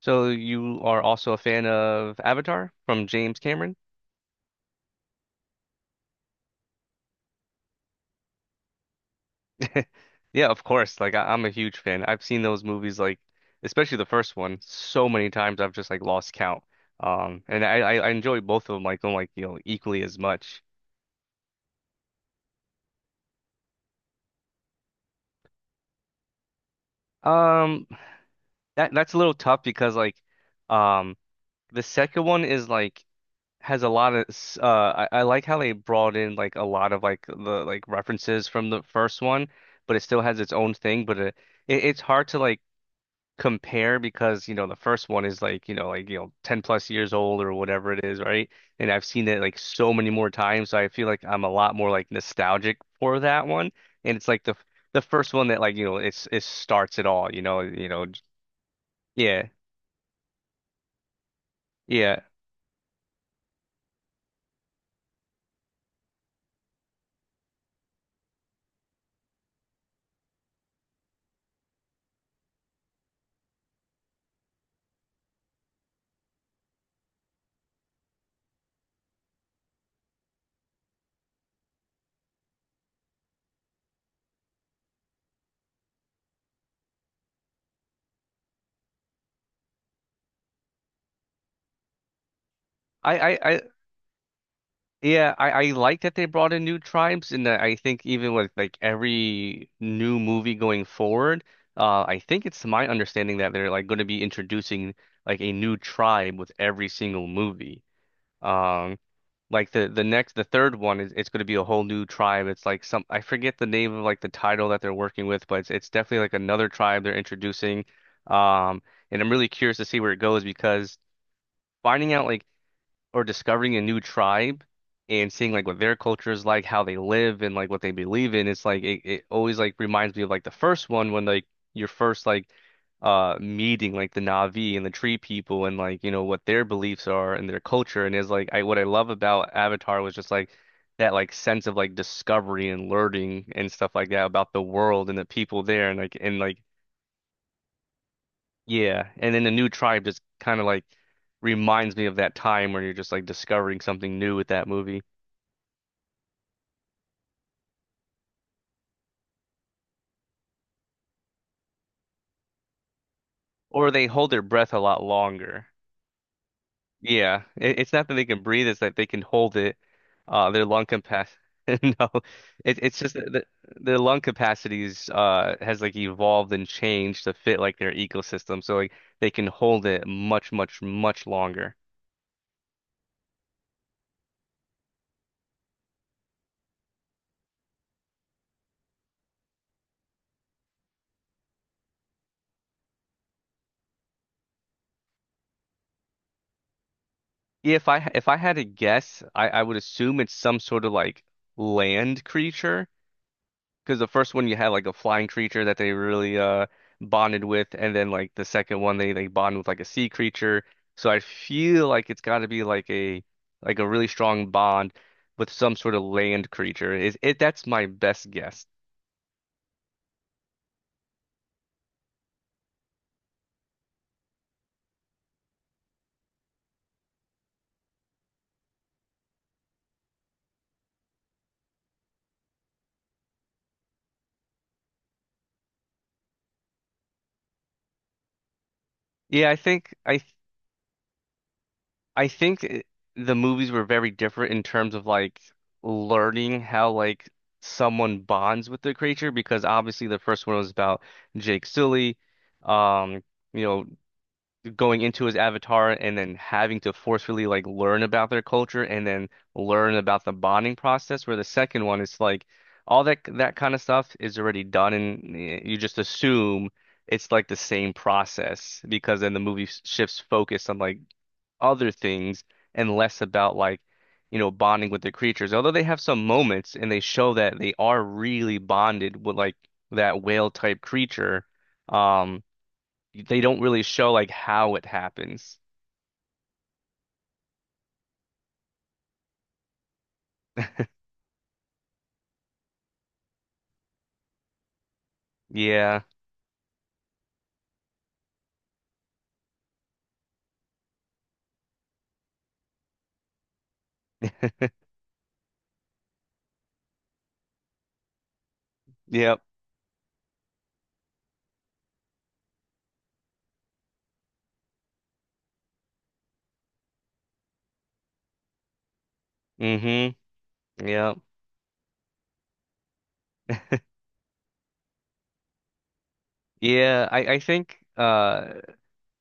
So you are also a fan of Avatar from James Cameron? Yeah, of course. Like I'm a huge fan. I've seen those movies like especially the first one so many times I've just like lost count. And I enjoy both of them like on like equally as much. Um that's a little tough because like um the second one is like has a lot of I like how they brought in like a lot of like the like references from the first one, but it still has its own thing, but it's hard to like compare because the first one is like like 10 plus years old or whatever it is, right? And I've seen it like so many more times, so I feel like I'm a lot more like nostalgic for that one. And it's like the first one that like it starts it all yeah, yeah. I Yeah, I like that they brought in new tribes, and I think even with like every new movie going forward, I think it's my understanding that they're like going to be introducing like a new tribe with every single movie. Um, like the third one is it's going to be a whole new tribe. It's like some I forget the name of like the title that they're working with, but it's definitely like another tribe they're introducing. Um, and I'm really curious to see where it goes because finding out like or discovering a new tribe and seeing like what their culture is like, how they live and like what they believe in, it's like it always like reminds me of like the first one when like your first like meeting like the Na'vi and the tree people and like what their beliefs are and their culture and is like, I what I love about Avatar was just like that like sense of like discovery and learning and stuff like that about the world and the people there and like and like. Yeah, and then the new tribe just kind of like reminds me of that time where you're just like discovering something new with that movie. Or they hold their breath a lot longer. Yeah, it's not that they can breathe; it's that they can hold it. Their lung capacity. No, it's just that their lung capacities has like evolved and changed to fit like their ecosystem, so like they can hold it much, much, much longer. If I had to guess, I would assume it's some sort of like land creature. Because the first one you had like a flying creature that they really bonded with, and then like the second one they bond with like a sea creature. So I feel like it's got to be like a really strong bond with some sort of land creature. Is it? That's my best guess. Yeah, I think I think the movies were very different in terms of like learning how like someone bonds with the creature because obviously the first one was about Jake Sully, um, you know, going into his avatar and then having to forcefully like learn about their culture and then learn about the bonding process where the second one is like all that kind of stuff is already done and you just assume it's like the same process because then the movie shifts focus on like other things and less about like bonding with the creatures, although they have some moments and they show that they are really bonded with like that whale type creature. um they don't really show like how it happens. Yeah. Yep. Mm-hmm. Yep. Yeah, I think,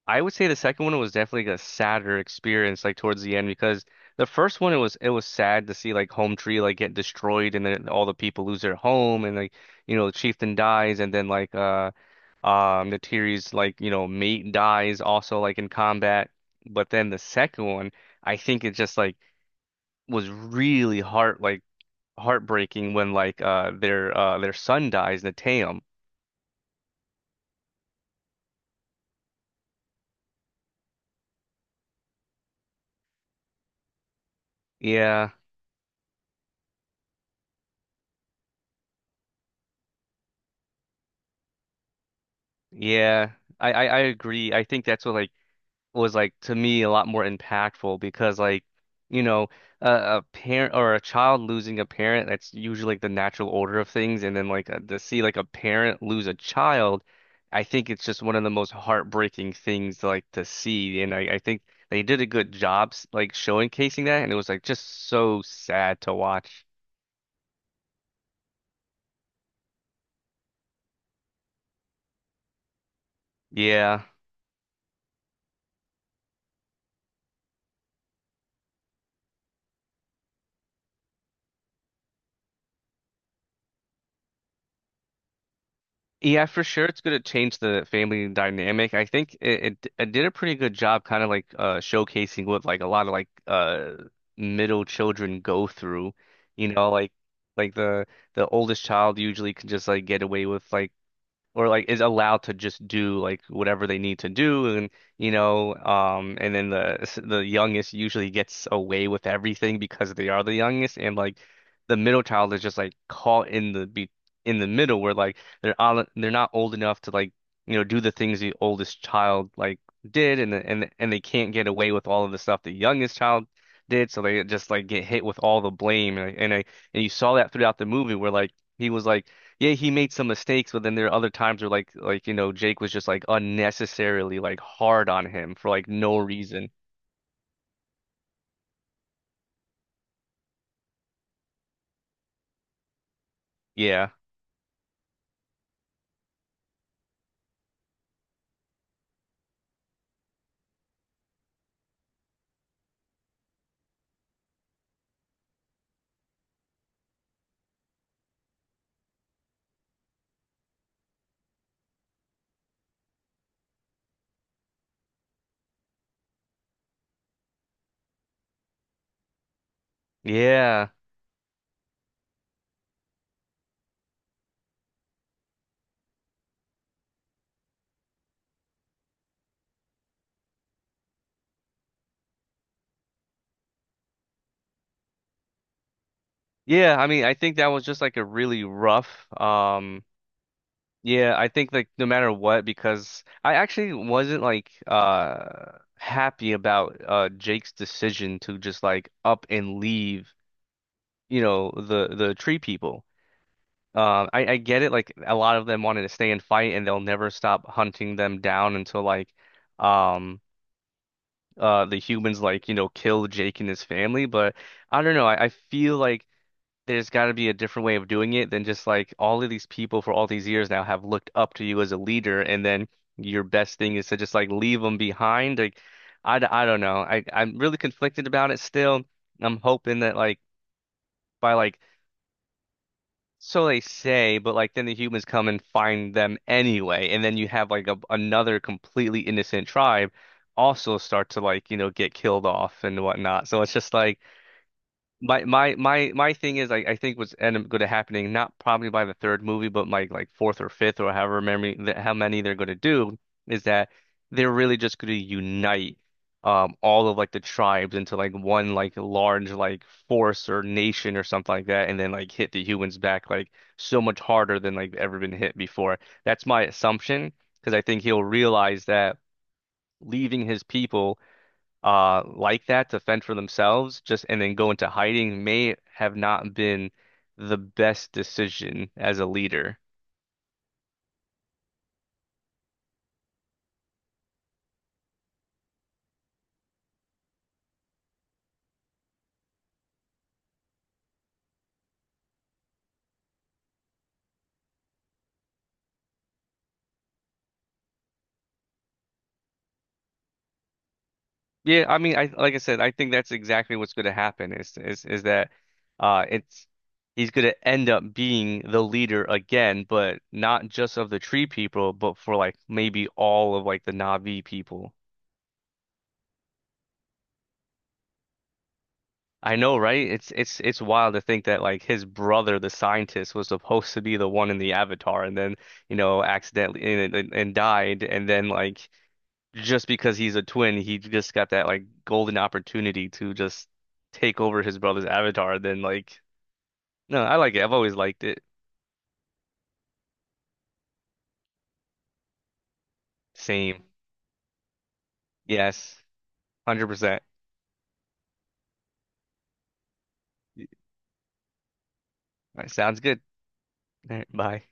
I would say the second one was definitely a sadder experience like towards the end because the first one it was sad to see like Home Tree like get destroyed and then all the people lose their home and like the chieftain dies and then like the Tiri's like mate dies also like in combat. But then the second one I think it just like was really heart like heartbreaking when like their son dies, Nateum. Yeah, yeah. I agree. I think that's what like was like to me a lot more impactful because like you know a, a parent or a child losing a parent, that's usually like the natural order of things, and then like to see like a parent lose a child, I think it's just one of the most heartbreaking things like to see, and I think they did a good job like showcasing that, and it was like just so sad to watch. Yeah. Yeah, for sure, it's going to change the family dynamic. I think it did a pretty good job, kind of like showcasing what like a lot of like middle children go through. You know, like the oldest child usually can just like get away with like or like is allowed to just do like whatever they need to do, and and then the youngest usually gets away with everything because they are the youngest, and like the middle child is just like caught in the middle where like they're not old enough to like do the things the oldest child like did, and and they can't get away with all of the stuff the youngest child did, so they just like get hit with all the blame and, I, and you saw that throughout the movie where like he was like yeah, he made some mistakes, but then there are other times where like Jake was just like unnecessarily like hard on him for like no reason. Yeah. Yeah. Yeah, I mean, I think that was just like a really rough. Yeah, I think like no matter what because I actually wasn't like happy about Jake's decision to just like up and leave, you know, the tree people. I get it. Like a lot of them wanted to stay and fight, and they'll never stop hunting them down until like, um, the humans like kill Jake and his family. But I don't know. I feel like there's got to be a different way of doing it than just like all of these people for all these years now have looked up to you as a leader, and then your best thing is to just like leave them behind. Like, I don't know. I'm really conflicted about it still. I'm hoping that like by like. So they say, but like then the humans come and find them anyway, and then you have like another completely innocent tribe also start to like, get killed off and whatnot. So it's just like my thing is I think what's end up going to happening not probably by the third movie but my like fourth or fifth or however many how many they're going to do is that they're really just going to unite all of like the tribes into like one like large like force or nation or something like that and then like hit the humans back like so much harder than like ever been hit before. That's my assumption because I think he'll realize that leaving his people like that to fend for themselves just and then go into hiding may have not been the best decision as a leader. Yeah, I mean, I like I said, I think that's exactly what's going to happen is that it's he's going to end up being the leader again, but not just of the tree people, but for like maybe all of like the Na'vi people. I know, right? It's wild to think that like his brother, the scientist, was supposed to be the one in the Avatar, and then accidentally and died, and then like just because he's a twin, he just got that like golden opportunity to just take over his brother's Avatar. Then like. No, I like it. I've always liked it. Same. Yes, 100%. All right, sounds good. All right, bye.